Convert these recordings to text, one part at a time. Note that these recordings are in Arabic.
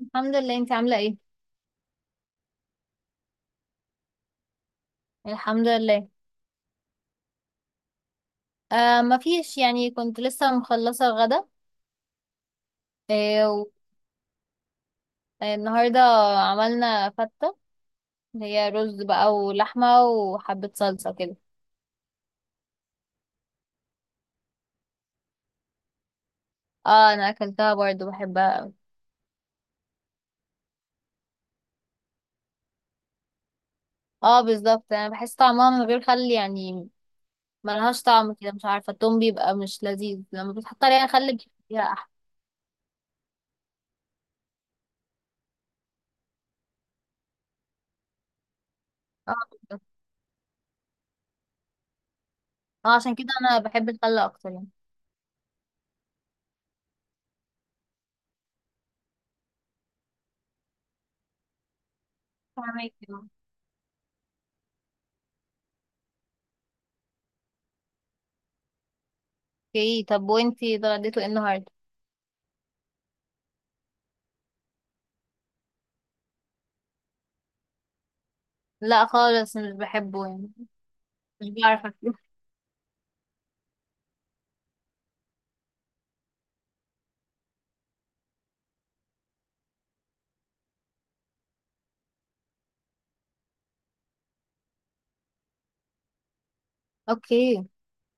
الحمد لله. انت عاملة ايه؟ الحمد لله. ما فيش، يعني، كنت لسه مخلصة الغدا. آه و- النهاردة عملنا فتة، اللي هي رز بقى ولحمة وحبة صلصة كده. اه، انا اكلتها برضو، بحبها اوي. اه بالظبط، انا بحس طعمها من غير خل يعني ملهاش طعم كده. مش عارفة، التوم بيبقى مش لذيذ. لما بتحط عليها خل بيبقى فيها احلى. اه بالظبط. اه عشان كده انا بحب الخل اكتر يعني. فاهمك. اوكي، طب وانتي اتغديتوا ايه النهاردة؟ لا خالص مش بحبه يعني. مش بعرف أطبخ. اوكي.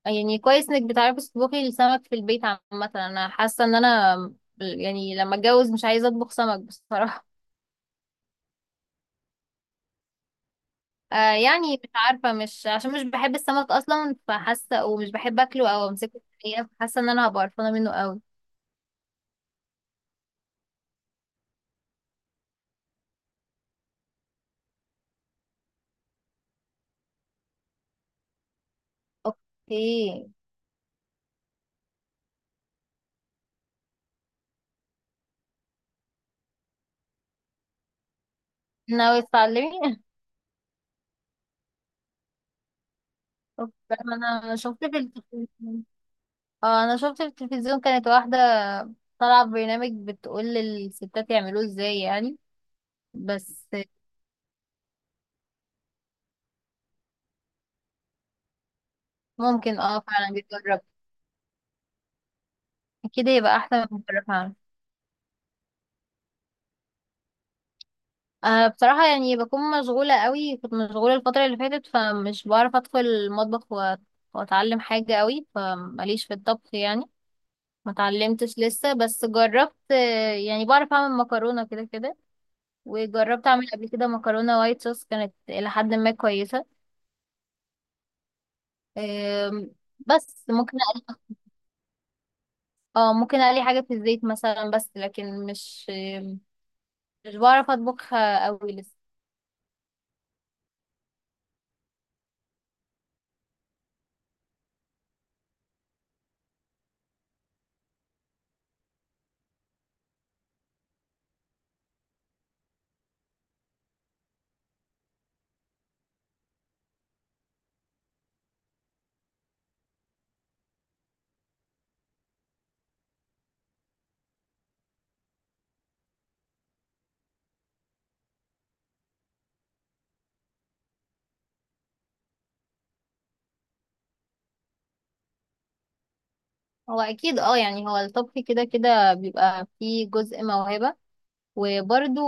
يعني كويس انك بتعرفي تطبخي السمك في البيت عامة. انا حاسة ان انا، يعني، لما اتجوز مش عايزة اطبخ سمك بصراحة. يعني مش عارفة، مش عشان مش بحب السمك اصلا، فحاسة ومش بحب اكله او امسكه في الحقيقة، فحاسة ان انا هبقى قرفانة منه قوي. اوكي. ناوية تتعلمي؟ اوكي. انا شفت في التلفزيون. كانت واحدة طالعة ببرنامج بتقول للستات يعملوه ازاي يعني. بس ممكن، اه، فعلا بيتجرب. اكيد هيبقى احلى من بره فعلا. أه بصراحة، يعني، بكون مشغولة قوي. كنت مشغولة الفترة اللي فاتت فمش بعرف ادخل المطبخ واتعلم حاجة قوي. فماليش في الطبخ يعني. ما اتعلمتش لسه، بس جربت. يعني بعرف اعمل مكرونة كده كده. وجربت اعمل قبل كده مكرونة وايت صوص، كانت الى حد ما كويسة. آم، بس ممكن أ- اه ممكن اقلي حاجة في الزيت مثلا، بس لكن مش، مش بعرف اطبخها قوي لسه. هو اكيد. اه، يعني، هو الطبخ كده كده بيبقى فيه جزء موهبة، وبرده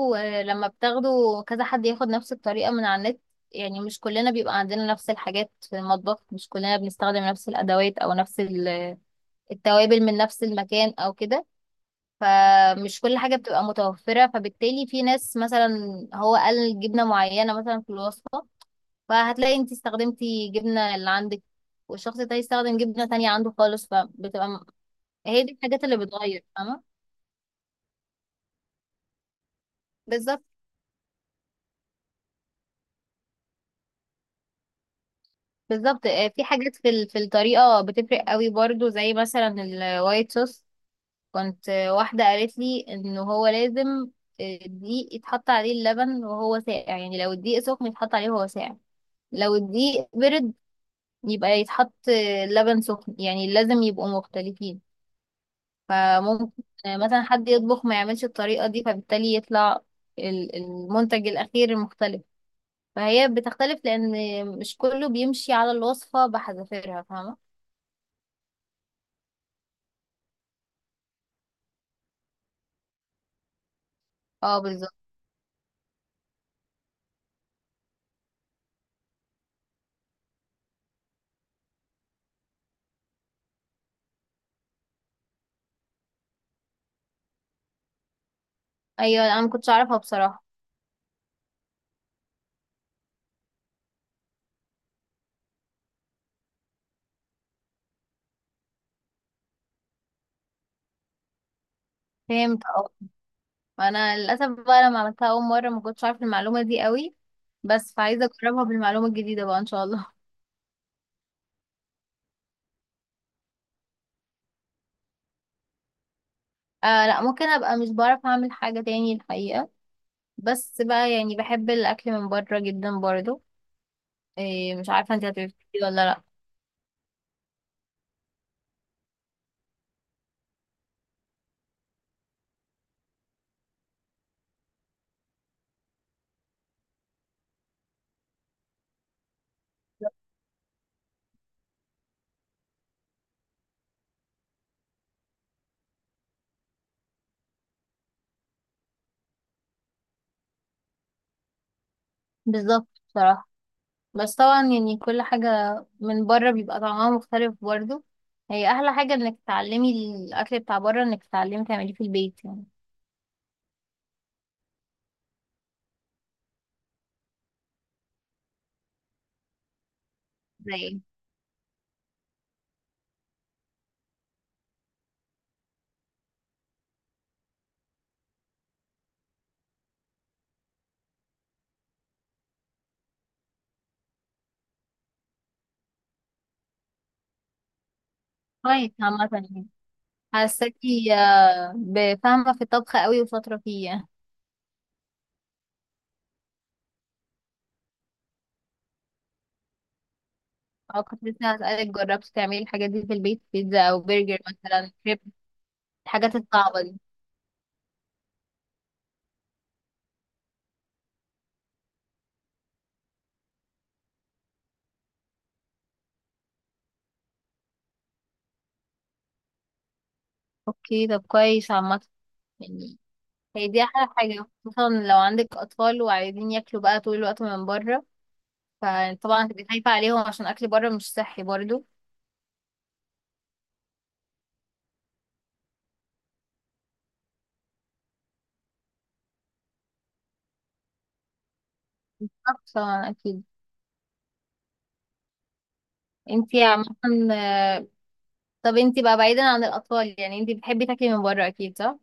لما بتاخده، كذا حد ياخد نفس الطريقة من على النت. يعني مش كلنا بيبقى عندنا نفس الحاجات في المطبخ. مش كلنا بنستخدم نفس الادوات او نفس التوابل من نفس المكان او كده. فمش كل حاجة بتبقى متوفرة، فبالتالي في ناس مثلا هو قال جبنة معينة مثلا في الوصفة، فهتلاقي انت استخدمتي جبنة اللي عندك، والشخص ده يستخدم جبنة تانية عنده خالص، فبتبقى هي دي الحاجات اللي بتغير. فاهمة؟ بالظبط. بالظبط، في حاجات في الطريقة بتفرق قوي برضو، زي مثلا الوايت صوص. كنت، واحدة قالت لي ان هو لازم الدقيق يتحط عليه اللبن وهو ساقع. يعني لو الدقيق سخن يتحط عليه وهو ساقع، لو الدقيق برد يبقى يتحط لبن سخن. يعني لازم يبقوا مختلفين. فممكن مثلا حد يطبخ ما يعملش الطريقة دي، فبالتالي يطلع المنتج الأخير مختلف. فهي بتختلف لان مش كله بيمشي على الوصفة بحذافيرها. فاهمة؟ اه بالظبط. ايوه، انا ما كنتش اعرفها بصراحة. فهمت، اه. انا للاسف بقى، لما عملتها اول مرة، ما كنتش عارفة المعلومة دي قوي، بس فعايزة اجربها بالمعلومة الجديدة بقى ان شاء الله. آه لا، ممكن ابقى مش بعرف اعمل حاجة تاني الحقيقة. بس بقى يعني بحب الاكل من بره جدا برضو. إيه مش عارفة انت هتبقى ولا لا. بالظبط بصراحة. بس طبعا، يعني، كل حاجة من بره بيبقى طعمها مختلف برضو. هي أحلى حاجة إنك تتعلمي الأكل بتاع بره، إنك تتعلمي تعمليه في البيت يعني. زي ايه؟ كويس عامة يعني. حاساكي بفاهمة في الطبخ قوي وشاطرة فيه يعني. أو كنت لسه هسألك جربتي تعملي الحاجات دي في البيت، بيتزا أو برجر مثلا، كريب. الحاجات الصعبة دي. أوكي، طب كويس عامة يعني. هي دي أحلى حاجة، خصوصا لو عندك أطفال وعايزين ياكلوا بقى طول الوقت من بره، فطبعا هتبقي خايفة عليهم عشان أكل بره مش صحي برضو. طبعا أكيد. انتي عامة، طب انتي بقى، بعيدا عن الأطفال، يعني انتي بتحبي تاكلي من بره أكيد، صح؟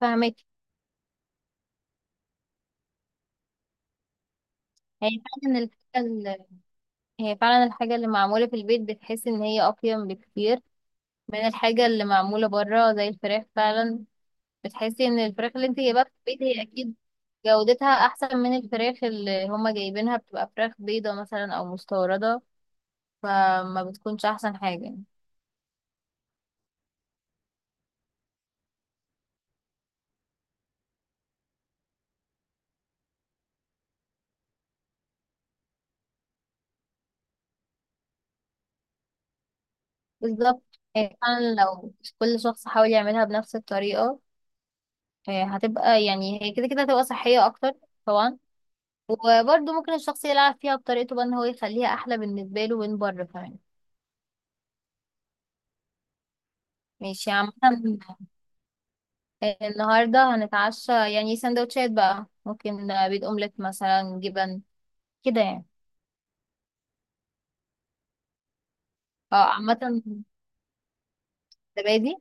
فاهمك. هي فعلا الحاجة ال- هي فعلا الحاجة اللي معمولة في البيت بتحسي إن هي أقيم بكتير من الحاجة اللي معمولة بره، زي الفراخ فعلا. بتحسي إن الفراخ اللي انتي جايباها في البيت هي أكيد جودتها أحسن من الفراخ اللي هما جايبينها، بتبقى فراخ بيضة مثلا أو مستوردة، فما بتكونش أحسن حاجة. بالظبط، يعني فعلا لو كل شخص حاول يعملها بنفس الطريقة، هتبقى، يعني، هي كده كده هتبقى صحية أكتر. طبعا. وبرضه ممكن الشخص يلعب فيها بطريقته بقى، إن هو يخليها أحلى بالنسبة له من بره كمان. ماشي عامة. النهاردة هنتعشى يعني سندوتشات بقى، ممكن بيض أومليت مثلا، جبن كده يعني. اه عامة، الزبادي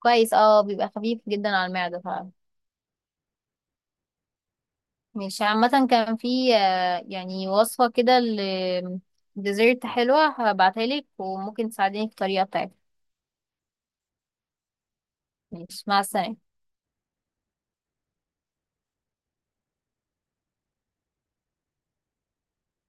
كويس بيبقى خفيف جدا على المعدة فعلا. مش عامة، كان في يعني وصفة كده لديزرت حلوة، هبعتها لك وممكن تساعديني في الطريقة بتاعتها. ماشي، مع السلامة.